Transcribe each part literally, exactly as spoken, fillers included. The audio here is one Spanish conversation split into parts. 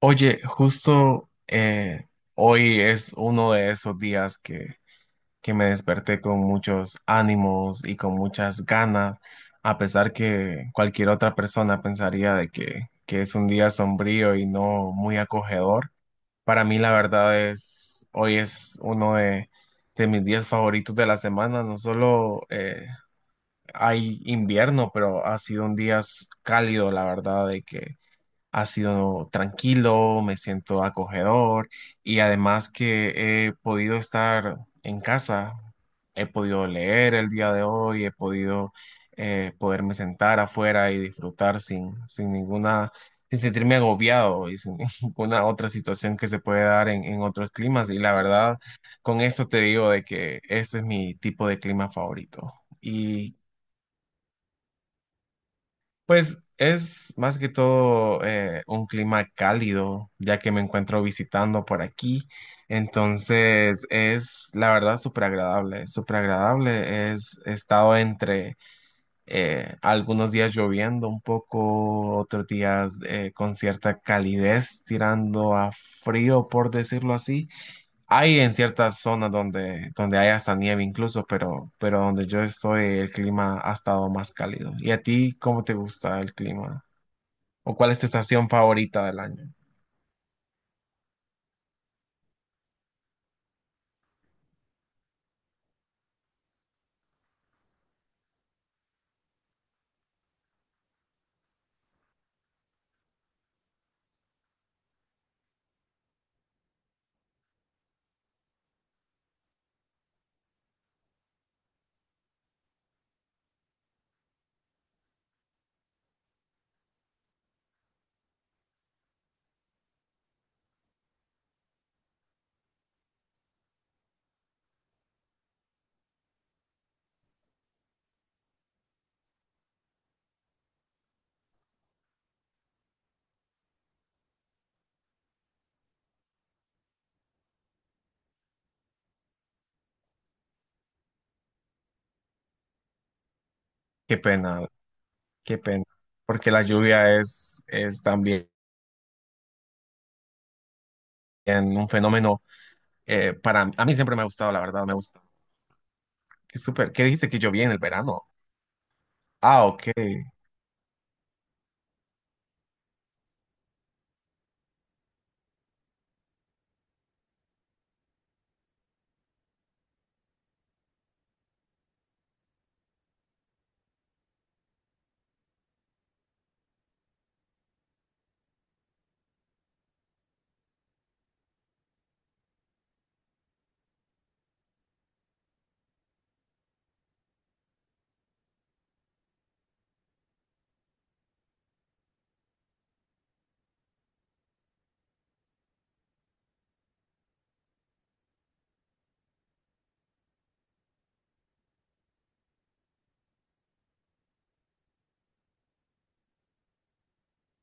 Oye, justo eh, hoy es uno de esos días que, que me desperté con muchos ánimos y con muchas ganas, a pesar que cualquier otra persona pensaría de que, que es un día sombrío y no muy acogedor. Para mí, la verdad es, hoy es uno de, de mis días favoritos de la semana. No solo eh, hay invierno, pero ha sido un día s- cálido, la verdad, de que ha sido tranquilo, me siento acogedor y además que he podido estar en casa, he podido leer el día de hoy, he podido eh, poderme sentar afuera y disfrutar sin, sin ninguna, sin sentirme agobiado y sin ninguna otra situación que se puede dar en, en otros climas. Y la verdad, con eso te digo de que ese es mi tipo de clima favorito. Y pues es más que todo eh, un clima cálido, ya que me encuentro visitando por aquí. Entonces es, la verdad, súper agradable, súper agradable. Es, he estado entre eh, algunos días lloviendo un poco, otros días eh, con cierta calidez, tirando a frío, por decirlo así. Hay en ciertas zonas donde, donde hay hasta nieve incluso, pero, pero donde yo estoy el clima ha estado más cálido. ¿Y a ti cómo te gusta el clima? ¿O cuál es tu estación favorita del año? Qué pena, qué pena. Porque la lluvia es, es también un fenómeno eh, para a mí siempre me ha gustado, la verdad, me gusta. Qué súper. ¿Qué dijiste que llovía en el verano? Ah, ok.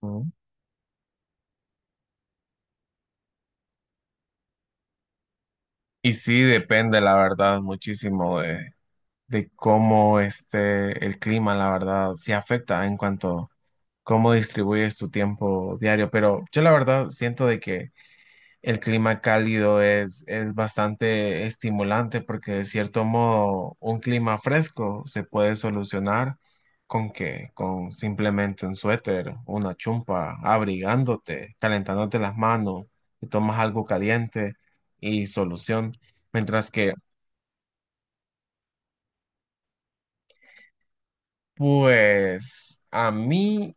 Mm. Y sí, depende, la verdad, muchísimo de, de cómo este el clima, la verdad, se afecta en cuanto cómo distribuyes tu tiempo diario, pero yo la verdad siento de que el clima cálido es, es bastante estimulante porque de cierto modo un clima fresco se puede solucionar con que con simplemente un suéter, una chumpa, abrigándote, calentándote las manos, te tomas algo caliente y solución, mientras que pues a mí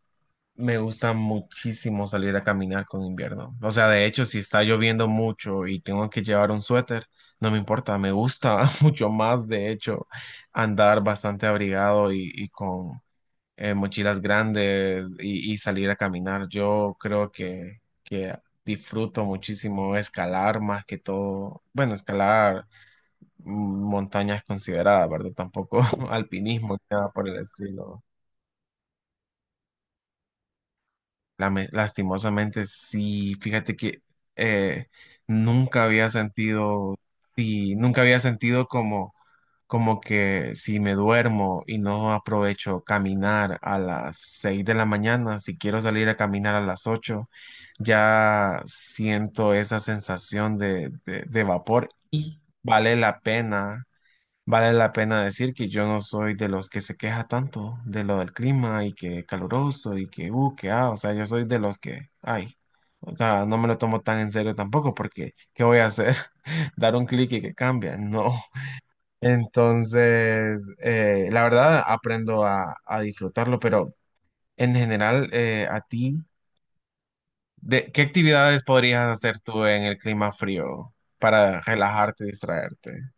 me gusta muchísimo salir a caminar con invierno. O sea, de hecho, si está lloviendo mucho y tengo que llevar un suéter, no me importa. Me gusta mucho más, de hecho, andar bastante abrigado y, y con eh, mochilas grandes y, y salir a caminar. Yo creo que, que disfruto muchísimo escalar más que todo. Bueno, escalar mm, montañas consideradas, ¿verdad? Tampoco alpinismo, nada por el estilo. Lame- lastimosamente, sí, fíjate que eh, nunca había sentido, sí, nunca había sentido como, como que si me duermo y no aprovecho caminar a las seis de la mañana, si quiero salir a caminar a las ocho ya siento esa sensación de, de de vapor y vale la pena. Vale la pena decir que yo no soy de los que se queja tanto de lo del clima y que caluroso y que uh, que ah, o sea, yo soy de los que, ay, o sea, no me lo tomo tan en serio tampoco porque, ¿qué voy a hacer? Dar un clic y que cambia, no. Entonces, eh, la verdad, aprendo a, a disfrutarlo, pero en general, eh, a ti, de, ¿qué actividades podrías hacer tú en el clima frío para relajarte y distraerte?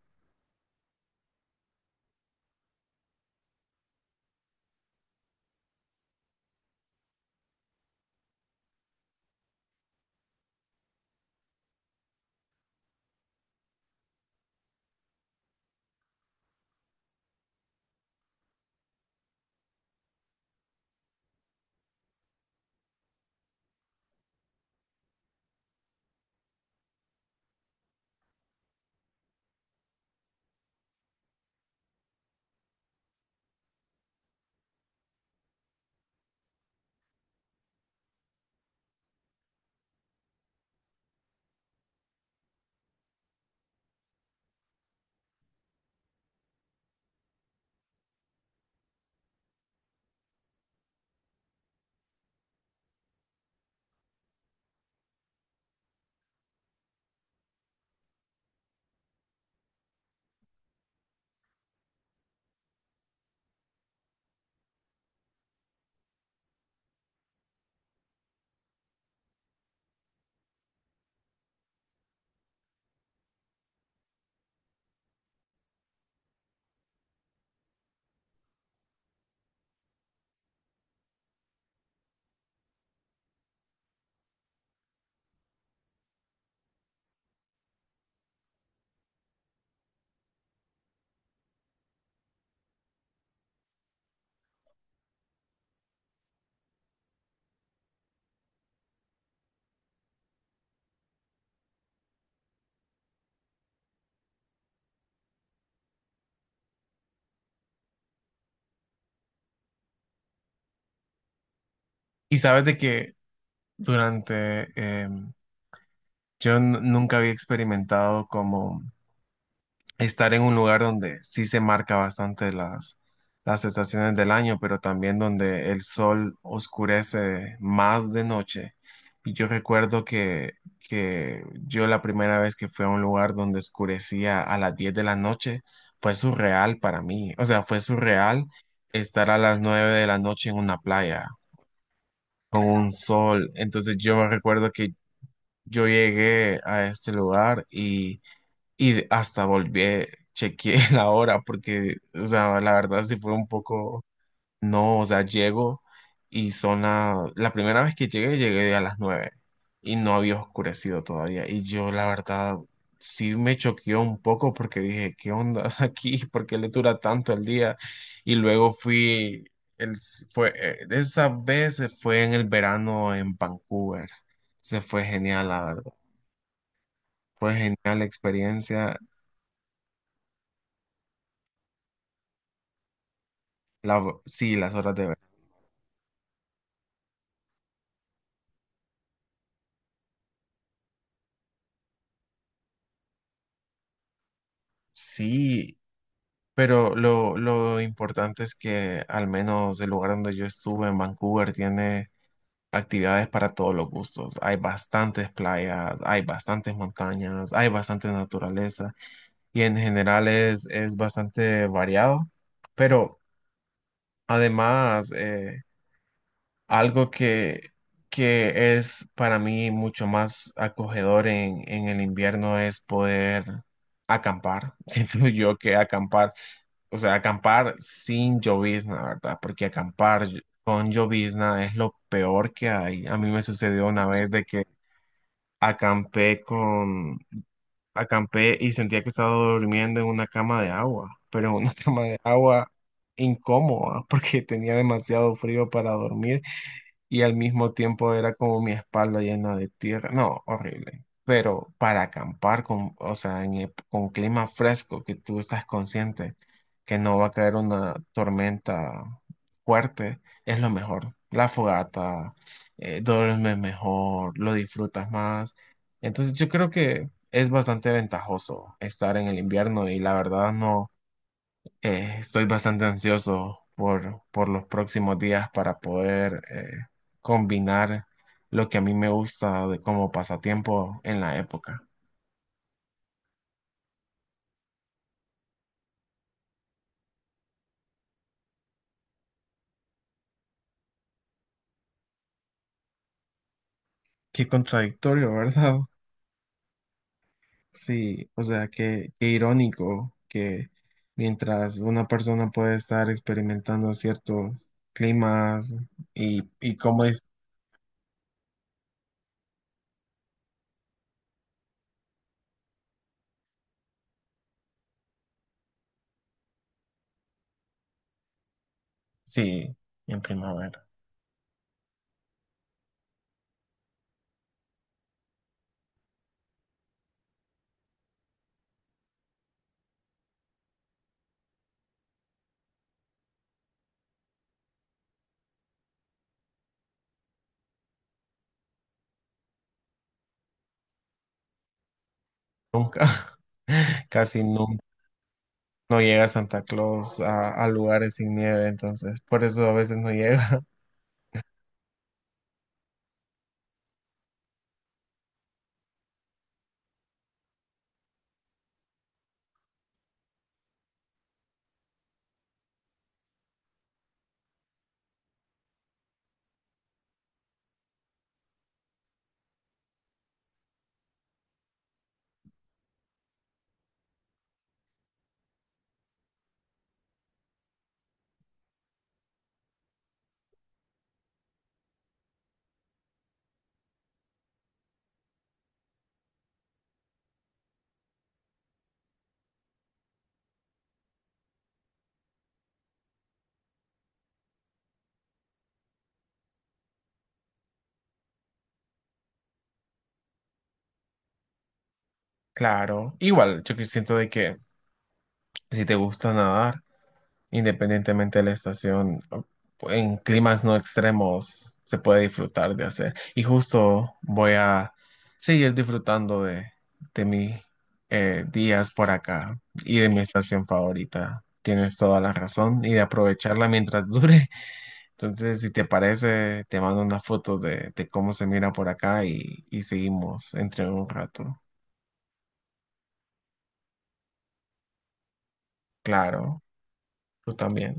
Y sabes de que durante, em, yo nu- nunca había experimentado como estar en un lugar donde sí se marca bastante las, las estaciones del año, pero también donde el sol oscurece más de noche. Y yo recuerdo que, que yo la primera vez que fui a un lugar donde oscurecía a las diez de la noche, fue surreal para mí. O sea, fue surreal estar a las nueve de la noche en una playa con un sol. Entonces yo me recuerdo que yo llegué a este lugar y y hasta volví, eh, chequeé la hora porque, o sea, la verdad sí fue un poco, no, o sea, llego y son la, la primera vez que llegué, llegué a las nueve y no había oscurecido todavía. Y yo, la verdad, sí me choqueó un poco porque dije, ¿qué onda aquí? ¿Por qué le dura tanto el día? Y luego fui, el, fue, eh, esa vez fue en el verano en Vancouver. Se fue genial, la verdad. Fue genial la experiencia. La, sí, las horas de verano. Sí, pero lo, lo importante es que al menos el lugar donde yo estuve, en Vancouver, tiene actividades para todos los gustos. Hay bastantes playas, hay bastantes montañas, hay bastante naturaleza y en general es, es bastante variado. Pero además, eh, algo que, que es para mí mucho más acogedor en, en el invierno es poder acampar. Siento yo que acampar, o sea, acampar sin llovizna, ¿verdad? Porque acampar ll- con llovizna es lo peor que hay. A mí me sucedió una vez de que acampé con, acampé y sentía que estaba durmiendo en una cama de agua, pero en una cama de agua incómoda porque tenía demasiado frío para dormir y al mismo tiempo era como mi espalda llena de tierra. No, horrible. Pero para acampar con, o sea, en ep- con clima fresco, que tú estás consciente que no va a caer una tormenta fuerte, es lo mejor. La fogata, eh, duermes mejor, lo disfrutas más. Entonces yo creo que es bastante ventajoso estar en el invierno y la verdad no. Eh, estoy bastante ansioso por, por los próximos días para poder eh, combinar lo que a mí me gusta de como pasatiempo en la época. Qué contradictorio, ¿verdad? Sí, o sea, qué, qué irónico que mientras una persona puede estar experimentando ciertos climas y, y cómo es, sí, en primavera, nunca, casi nunca. No llega Santa Claus a, a lugares sin nieve, entonces por eso a veces no llega. Claro, igual yo que siento de que si te gusta nadar, independientemente de la estación, en climas no extremos se puede disfrutar de hacer. Y justo voy a seguir disfrutando de, de mis eh, días por acá y de mi estación favorita. Tienes toda la razón y de aprovecharla mientras dure. Entonces, si te parece, te mando unas fotos de, de cómo se mira por acá y, y seguimos entre un rato. Claro, tú también.